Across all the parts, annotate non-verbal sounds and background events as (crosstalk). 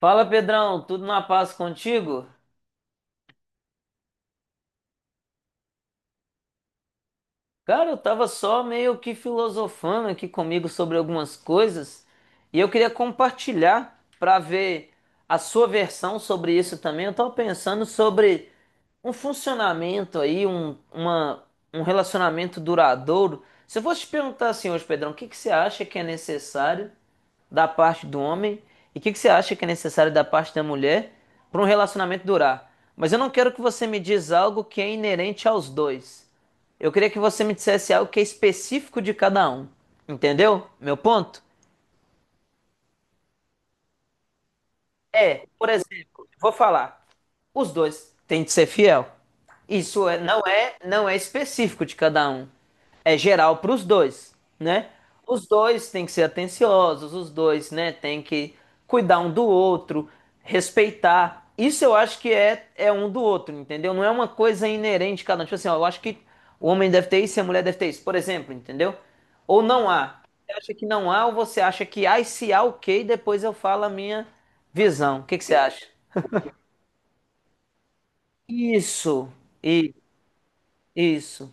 Fala Pedrão, tudo na paz contigo? Cara, eu tava só meio que filosofando aqui comigo sobre algumas coisas e eu queria compartilhar pra ver a sua versão sobre isso também. Eu tava pensando sobre um funcionamento aí, um relacionamento duradouro. Se eu fosse te perguntar assim hoje, Pedrão, o que que você acha que é necessário da parte do homem e o que que você acha que é necessário da parte da mulher para um relacionamento durar? Mas eu não quero que você me diz algo que é inerente aos dois. Eu queria que você me dissesse algo que é específico de cada um. Entendeu? Meu ponto? É, por exemplo, vou falar. Os dois têm de ser fiel. Não é específico de cada um. É geral para os dois, né? Os dois têm que ser atenciosos, os dois, né, têm que cuidar um do outro, respeitar. Isso eu acho que é um do outro, entendeu? Não é uma coisa inerente de cada um. Tipo assim, ó, eu acho que o homem deve ter isso e a mulher deve ter isso, por exemplo, entendeu? Ou não há. Você acha que não há ou você acha que há e se há, ok, depois eu falo a minha visão, o que que você acha? Isso, e isso.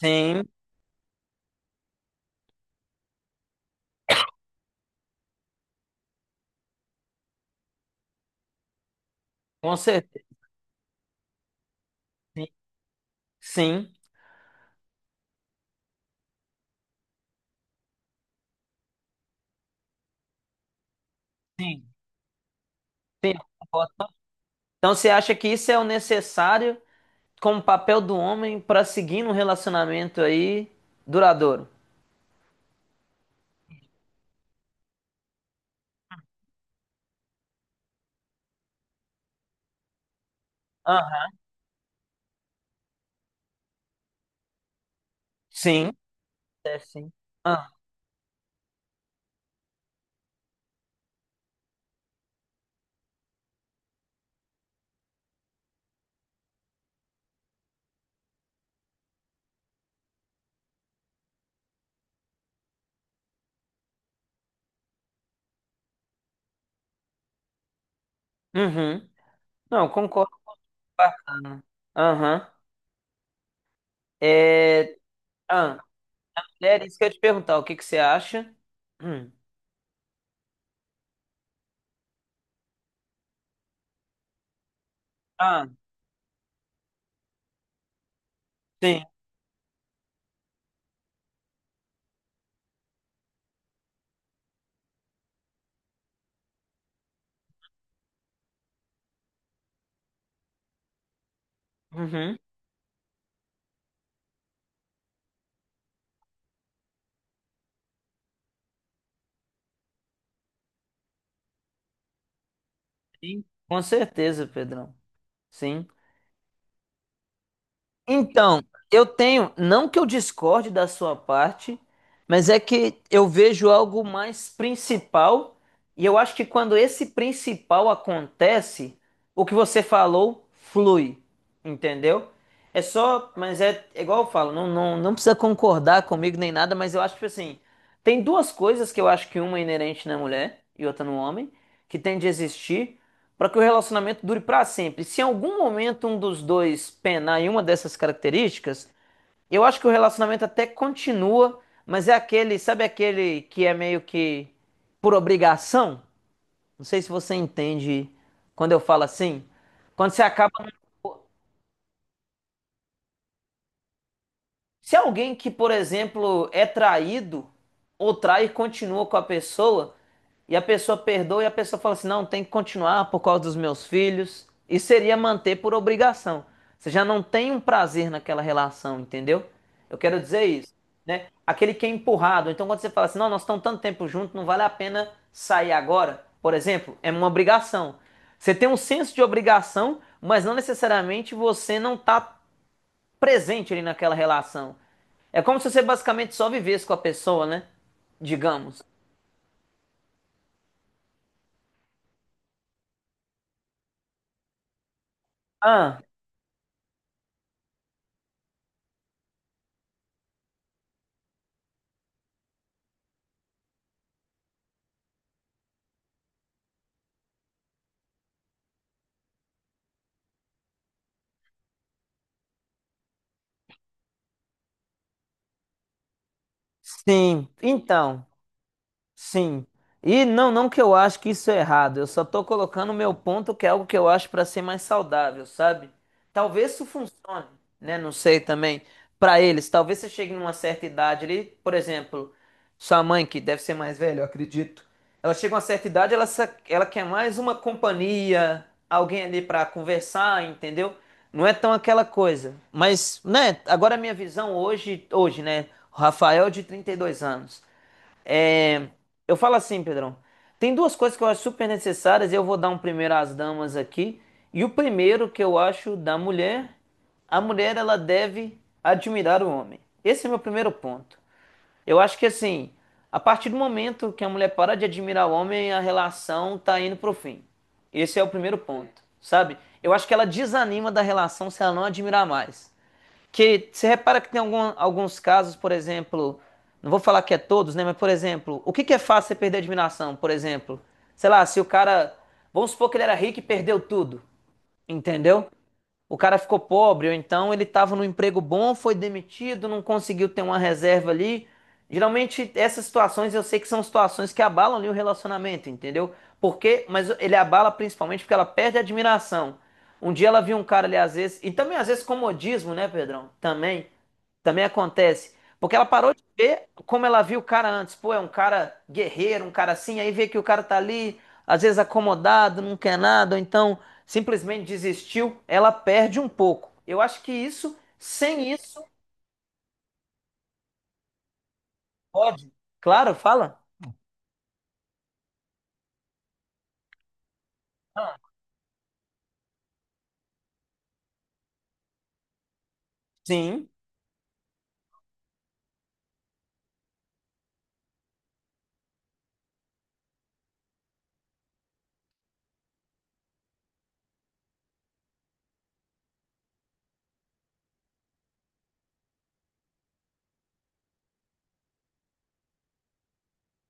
Sim, com certeza. Sim, sim, sim. Sim, eu concordo. Então você acha que isso é o necessário como papel do homem para seguir num relacionamento aí duradouro? Aham. Sim, é sim. Ah, uhum. Não, concordo. Bacana. Aham. É, ah, era isso que eu ia te perguntar, o que que você acha? Hum. Ah, sim. Uhum. Sim, com certeza, Pedrão. Sim. Então, eu tenho, não que eu discorde da sua parte, mas é que eu vejo algo mais principal, e eu acho que quando esse principal acontece, o que você falou flui, entendeu? É só, mas é igual eu falo, não, não, não precisa concordar comigo nem nada, mas eu acho que assim, tem duas coisas que eu acho que uma é inerente na mulher e outra no homem, que tem de existir para que o relacionamento dure para sempre. Se em algum momento um dos dois penar em uma dessas características, eu acho que o relacionamento até continua, mas é aquele, sabe aquele que é meio que por obrigação? Não sei se você entende quando eu falo assim. Quando você acaba Se alguém que, por exemplo, é traído ou trai e continua com a pessoa, e a pessoa perdoa e a pessoa fala assim: não, tem que continuar por causa dos meus filhos, isso seria manter por obrigação. Você já não tem um prazer naquela relação, entendeu? Eu quero dizer isso, né? Aquele que é empurrado. Então, quando você fala assim: não, nós estamos tanto tempo juntos, não vale a pena sair agora, por exemplo, é uma obrigação. Você tem um senso de obrigação, mas não necessariamente você não está presente ali naquela relação. É como se você basicamente só vivesse com a pessoa, né? Digamos. Ah, sim. Então. Sim. E não, não que eu acho que isso é errado, eu só tô colocando o meu ponto que é algo que eu acho para ser mais saudável, sabe? Talvez isso funcione, né? Não sei também para eles. Talvez você chegue numa certa idade ali, por exemplo, sua mãe que deve ser mais velha, eu acredito. Ela chega a uma certa idade, ela quer mais uma companhia, alguém ali para conversar, entendeu? Não é tão aquela coisa. Mas, né, agora a minha visão hoje, hoje, né, o Rafael é de 32 anos. É, eu falo assim, Pedrão. Tem duas coisas que eu acho super necessárias. E eu vou dar um primeiro às damas aqui. E o primeiro que eu acho da mulher, a mulher ela deve admirar o homem. Esse é meu primeiro ponto. Eu acho que assim, a partir do momento que a mulher para de admirar o homem, a relação tá indo pro fim. Esse é o primeiro ponto, sabe? Eu acho que ela desanima da relação se ela não admirar mais, que você repara que tem alguns casos, por exemplo, não vou falar que é todos, né? Mas, por exemplo, o que que é fácil você perder a admiração? Por exemplo, sei lá, se o cara, vamos supor que ele era rico e perdeu tudo, entendeu? O cara ficou pobre, ou então ele estava num emprego bom, foi demitido, não conseguiu ter uma reserva ali. Geralmente, essas situações eu sei que são situações que abalam ali o relacionamento, entendeu? Porque, mas ele abala principalmente porque ela perde a admiração. Um dia ela viu um cara ali, às vezes, e também às vezes comodismo, né, Pedrão? Também. Também acontece. Porque ela parou de ver como ela viu o cara antes. Pô, é um cara guerreiro, um cara assim. Aí vê que o cara tá ali, às vezes acomodado, não quer nada, ou então simplesmente desistiu. Ela perde um pouco. Eu acho que isso, sem isso, pode. Claro, fala? Sim.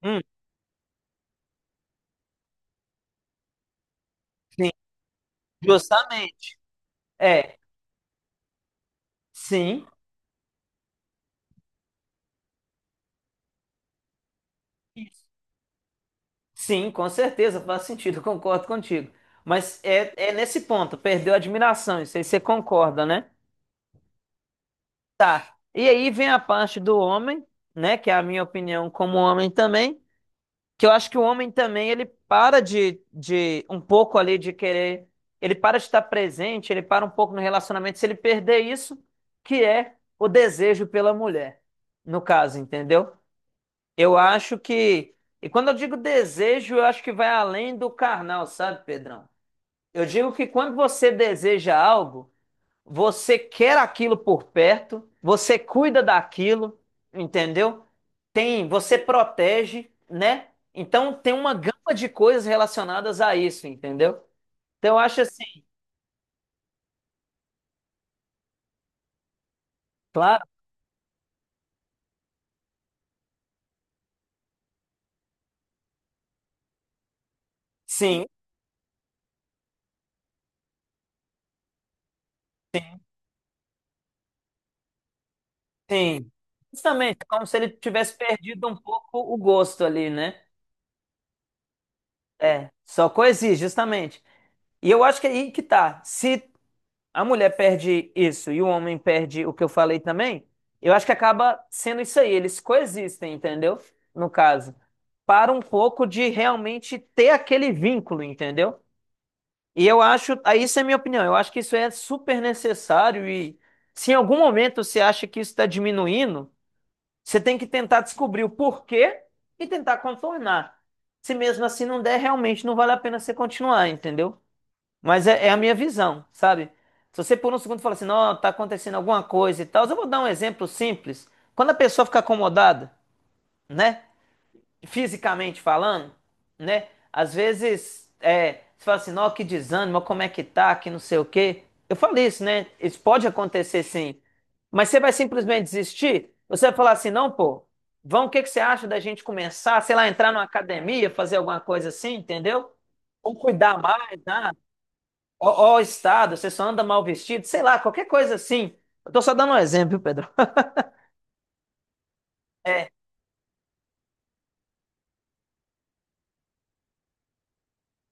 Hum, sim. Justamente. É, sim. Isso. Sim, com certeza, faz sentido, (laughs) eu concordo contigo. Mas é nesse ponto, perdeu a admiração, isso aí você concorda, né? Tá. E aí vem a parte do homem, né? Que é a minha opinião como homem também. Que eu acho que o homem também, ele para de um pouco ali de querer. Ele para de estar presente, ele para um pouco no relacionamento se ele perder isso, que é o desejo pela mulher. No caso, entendeu? Eu acho que. E quando eu digo desejo, eu acho que vai além do carnal, sabe, Pedrão? Eu digo que quando você deseja algo. Você quer aquilo por perto, você cuida daquilo, entendeu? Tem, você protege, né? Então tem uma gama de coisas relacionadas a isso, entendeu? Então eu acho assim, claro, sim, sim. Justamente, é como se ele tivesse perdido um pouco o gosto ali, né? É, só coexiste, justamente. E eu acho que é aí que tá. Se a mulher perde isso e o homem perde o que eu falei também, eu acho que acaba sendo isso aí. Eles coexistem, entendeu? No caso, para um pouco de realmente ter aquele vínculo, entendeu? E eu acho, aí isso é minha opinião, eu acho que isso é super necessário e se em algum momento você acha que isso está diminuindo, você tem que tentar descobrir o porquê e tentar contornar. Se mesmo assim não der, realmente não vale a pena você continuar, entendeu? Mas é a minha visão, sabe? Se você por um segundo fala assim, não, tá acontecendo alguma coisa e tal, eu vou dar um exemplo simples. Quando a pessoa fica acomodada, né? Fisicamente falando, né? Às vezes, é, você fala assim, não, que desânimo, como é que tá, que não sei o quê. Eu falei isso, né? Isso pode acontecer sim. Mas você vai simplesmente desistir? Você vai falar assim, não, pô, vamos, o que que você acha da gente começar, sei lá, entrar numa academia, fazer alguma coisa assim, entendeu? Ou cuidar mais, né? Ó, ó, estado, você só anda mal vestido, sei lá, qualquer coisa assim. Eu tô só dando um exemplo, viu, Pedro. É,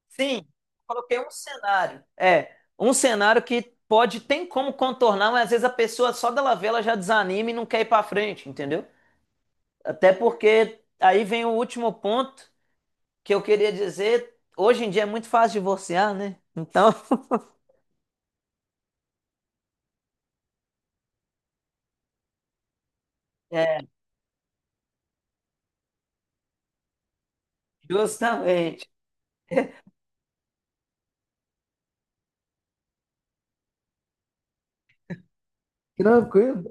sim, coloquei um cenário. É, um cenário que pode, tem como contornar, mas às vezes a pessoa só dela ver, ela já desanima e não quer ir pra frente, entendeu? Até porque aí vem o último ponto que eu queria dizer. Hoje em dia é muito fácil divorciar, né? Então, (laughs) é, justamente. Tranquilo.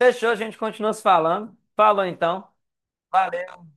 Fechou, a gente continua se falando. Falou então. Valeu.